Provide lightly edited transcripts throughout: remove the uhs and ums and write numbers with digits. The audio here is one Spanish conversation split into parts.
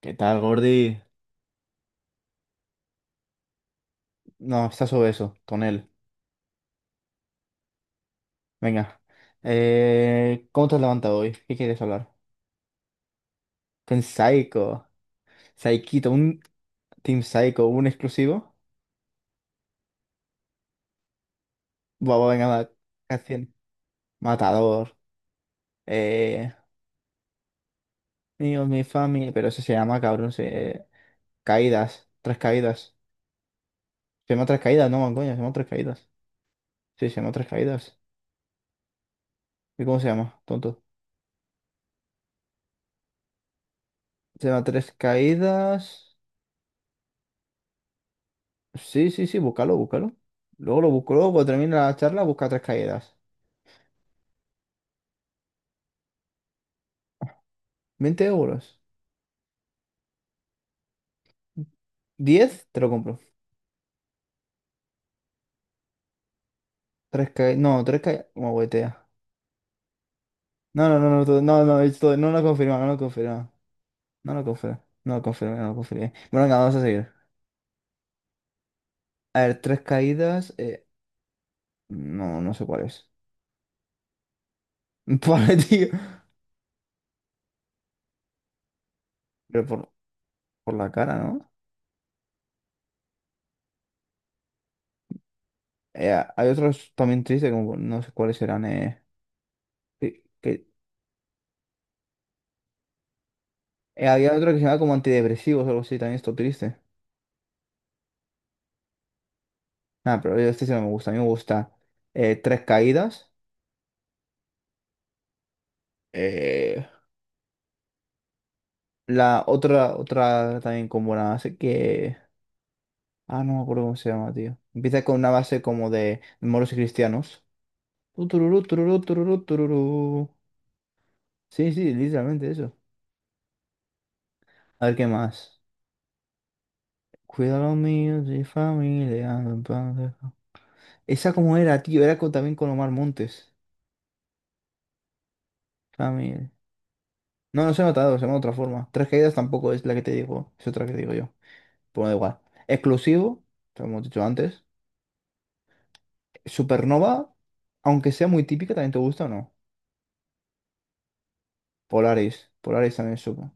¿Qué tal, Gordy? No, está sobre tonel. Venga. ¿Cómo te has levantado hoy? ¿Qué quieres hablar? Con Psycho. Psyquito, un Team Psycho, un exclusivo. Vamos, venga, va. Canción. Matador. Eh, mío, mi familia. Pero eso se llama, cabrón. Caídas. Tres caídas. Se llama tres caídas, no, man, coño, se llama tres caídas. Sí, se llama tres caídas. ¿Y cómo se llama, tonto? Se llama tres caídas. Sí, sí, sí, búscalo, búscalo. Luego lo busco, luego cuando termine la charla, busca tres caídas. 20 euros. 10 te lo compro. Tres caídas. No, tres caídas. Como huetea. No, no, no, no, no, no, es no lo confirma, no lo confirma. No lo confirma, no lo confirma, no lo confirma. Bueno, venga, vamos a seguir. A ver, tres caídas. No, no sé cuál es. Vale, tío. Pero por la cara, ¿no? Hay otros también tristes, como no sé cuáles serán. Que, que- había otro que se llama como antidepresivos o algo así, también esto triste. Ah, pero este sí no me gusta. A mí me gusta Tres Caídas. eh, la otra también con buena base que. Ah, no me acuerdo cómo se llama, tío. Empieza con una base como de moros y cristianos. Tu, tururú, tururú, tururú, tururú. Sí, sí, literalmente eso. A ver qué más. Cuida los míos y familia. Mi padre. Esa como era, tío. Era también con Omar Montes. Familia. No, no se ha notado, se llama de otra forma. Tres Caídas tampoco es la que te digo. Es otra que digo yo. Pues da igual. Exclusivo, te lo hemos dicho antes. Supernova, aunque sea muy típica, ¿también te gusta o no? Polaris, Polaris también es súper.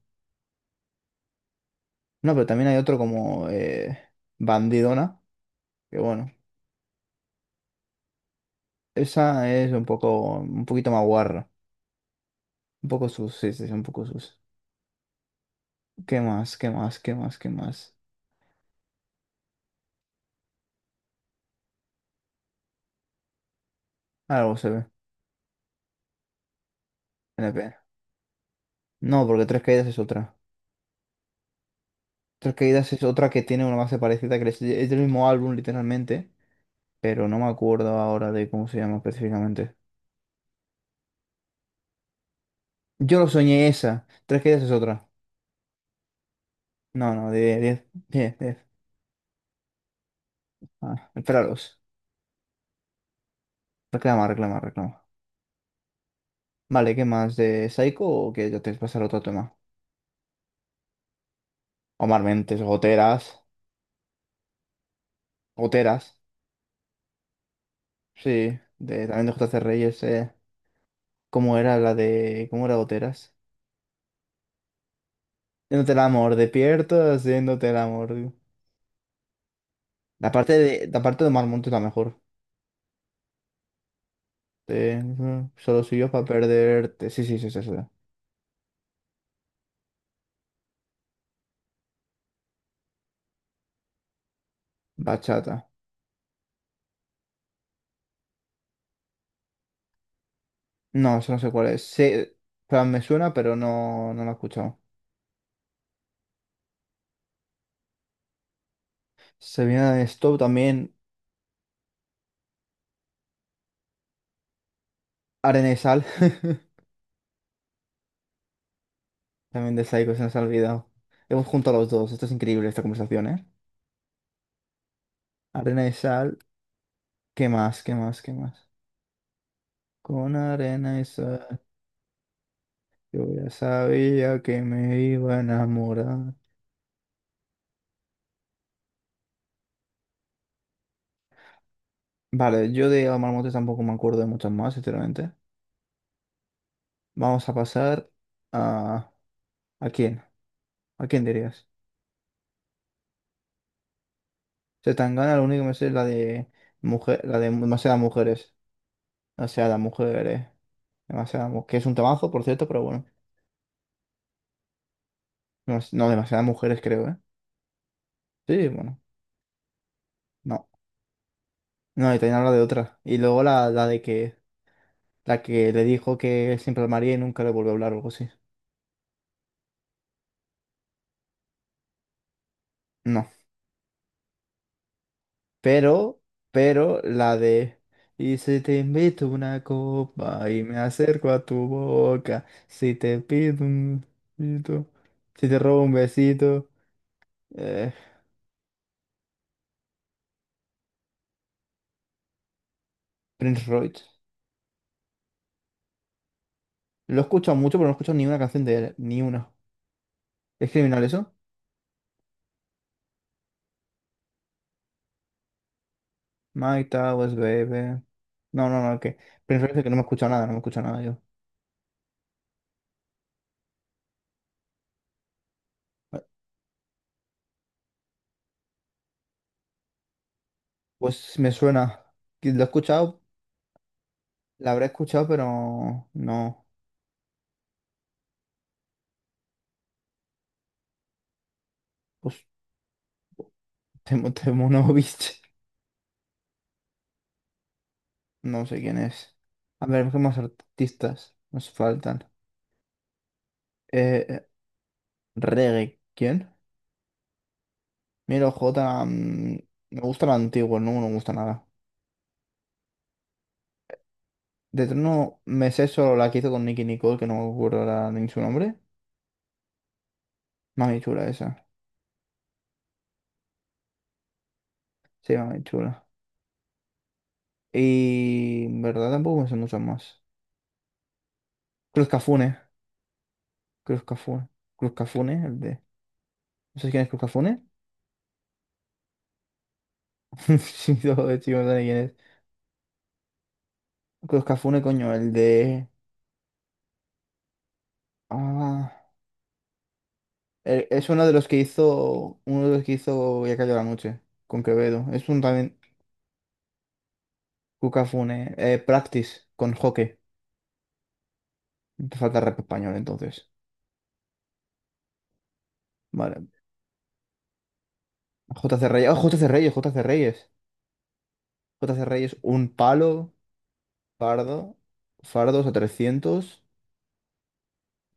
No, pero también hay otro como Bandidona, que bueno, esa es un un poquito más guarra. Un poco sus, sí, sí, sí, un poco sus. ¿Qué más? ¿Qué más? ¿Qué más? ¿Qué más? Algo se ve. NP. No, porque Tres Caídas es otra. Tres Caídas es otra que tiene una base parecida, que es del mismo álbum, literalmente, pero no me acuerdo ahora de cómo se llama específicamente. Yo lo soñé esa. Tres que es otra. No, no, diez 10. Ah, espéralos. Reclama, reclama, reclama. Vale, ¿qué más? ¿De Psycho o qué? Ya te pasar a otro tema. Omar Mentes, Goteras. Goteras. Sí, de, también de JC Reyes. ¿Cómo era la de. ¿Cómo era Goteras? Haciéndote el amor, despierto, haciéndote el amor. La parte la parte de Omar Montes es la mejor. De, solo soy yo para perderte. Sí, sí, sí, sí, sí. Bachata. No, eso no sé cuál es. Sí, pero me suena, pero no, no lo he escuchado. Se viene de Stop también, Arena y Sal. También de Psycho, se nos ha olvidado. Hemos juntado los dos. Esto es increíble, esta conversación, ¿eh? Arena y Sal. ¿Qué más? ¿Qué más? ¿Qué más? Con arena y sal, yo ya sabía que me iba a enamorar. Vale, yo de Omar Montes tampoco me acuerdo de muchas más, sinceramente. Vamos a pasar a... ¿A quién? ¿A quién dirías? Se tan gana lo único que me sé es la de mujer, la de demasiadas mujeres. Demasiadas mujeres. Que es un trabajo, por cierto, pero bueno. No, demasiadas mujeres creo, ¿eh? Sí, bueno. No. No, y también habla de otra. Y luego la de que la que le dijo que siempre al maría y nunca le volvió a hablar o algo así. No. Pero, pero la de y si te invito una copa y me acerco a tu boca, si te pido un besito, si te robo un besito, eh, Prince Royce. Lo he escuchado mucho, pero no he escuchado ni una canción de él, ni una. ¿Es criminal eso? My Towers, baby. No, no, no, que. Pero es que no me he escuchado nada, no me he escuchado nada yo. Pues me suena. Que Lo he escuchado, la habré escuchado, pero no. Pues Temo, Temo no, viste. No sé quién es. A ver, ¿qué más artistas nos faltan? Eh, eh, reggae. ¿Quién? Miro J. Me gusta la antigua, no me gusta nada. De no me sé solo la que hizo con Nicky Nicole, que no me acuerdo ahora ni su nombre. Mami chula esa. Sí, mami chula. Y en verdad tampoco me sé muchas más. Cruz Cafune. Cruz Cafune. Cruz Cafune, el de. ¿No sabes quién es Cruz Cafune? Sí, no, de hecho, no sé quién es. Cruz Cafune, coño, el de. Ah. Es uno de los que hizo. Uno de los que hizo Ya cayó la noche. Con Quevedo. Es un también. Cruz Cafune. Practice con Joque. Te falta rap español entonces. Vale. JC Reyes. Oh, JC Reyes, JC Reyes. JC Reyes, un palo. Fardo. Fardos a 300.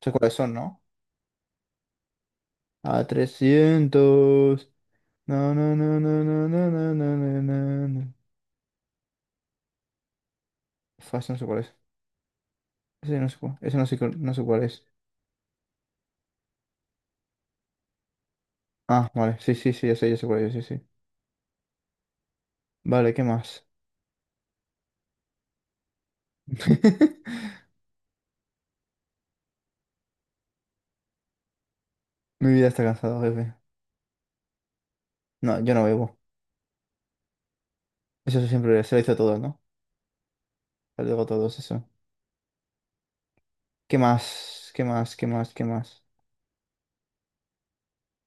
Sé cuáles son, ¿no? A 300, no, no, no, no, no, no, no, no, no, no, no. Fast, no sé cuál es. Ese no sé cuál, ese no sé, no sé cuál es. Ah, vale. Sí, sí, sí, ya sé cuál es. Sí, sí. Vale, ¿qué más? Mi vida está cansada, jefe. No, yo no bebo. Eso siempre se lo hizo a todos, ¿no? Se lo digo a todos eso. ¿Qué más? ¿Qué más? ¿Qué más? ¿Qué más?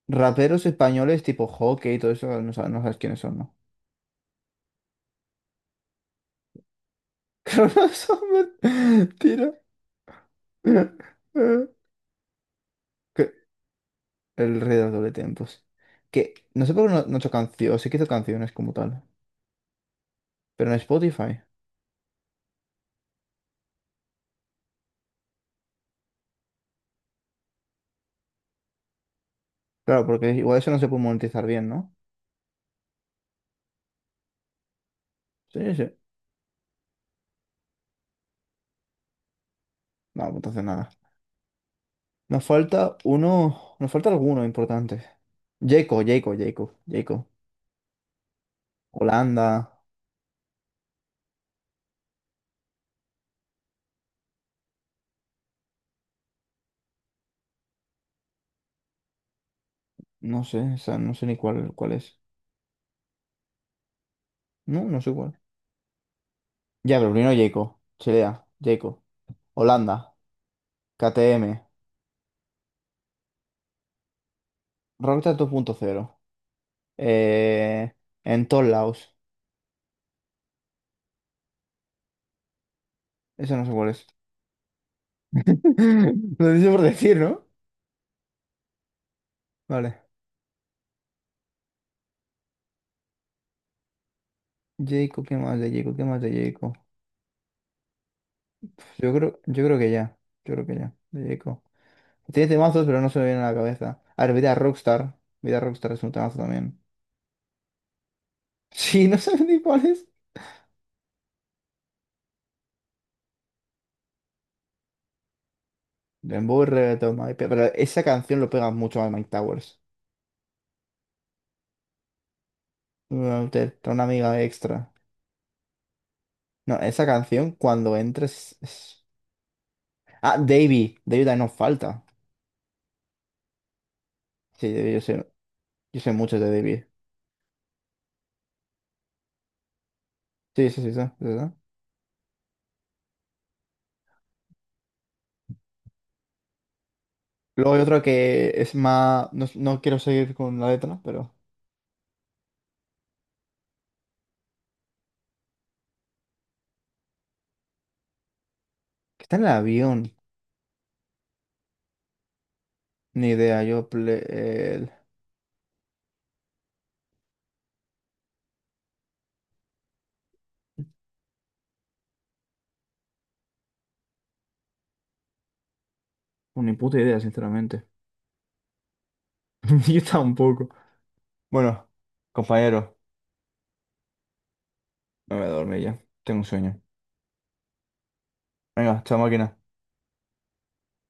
Raperos españoles tipo Hockey y todo eso, no sabes, no sabes quiénes son, ¿no? Cronosomer. Tira. Que- El rey del doble tiempos. Que no sé por qué no ha hecho canciones. Sí que hizo canciones como tal. Pero en Spotify. Claro, porque igual eso no se puede monetizar bien, ¿no? Sí, sí. No, pues entonces nada. Nos falta uno. Nos falta alguno importante. Jaco, Jaco, Jaco, Jaco. Holanda. No sé, o sea, no sé ni cuál, cuál es. No, no sé cuál. Ya, pero primero Jaco. Chilea, Jaco. Holanda. KTM. Rockstar 2.0. eh, en todos lados. Eso no sé cuál es. Lo dice por decir, ¿no? Vale. Jacob, ¿qué más de Jacob? ¿Qué más de Jacob? Yo creo que ya. Yo creo que ya. De Jacob. Tiene temazos, pero no se me viene a la cabeza. A ver, Vida Rockstar. Vida Rockstar es un temazo también. Sí, no sabes ni cuál es. Dembow y Reggaeton, pero esa canción lo pega mucho a Mike Towers. Una amiga extra. No, esa canción cuando entres es- Ah, Davey. Davey también nos falta. Sí, Davey, yo sé. Yo sé mucho de David. Sí, sí, sí, sí, sí, sí. Luego hay otro que es más. No, no quiero seguir con la letra, pero. Que está en el avión. Ni idea, yo. Bueno, ni puta idea, sinceramente. Yo tampoco. Bueno, compañero, me voy a dormir ya. Tengo un sueño. Venga, chao máquina.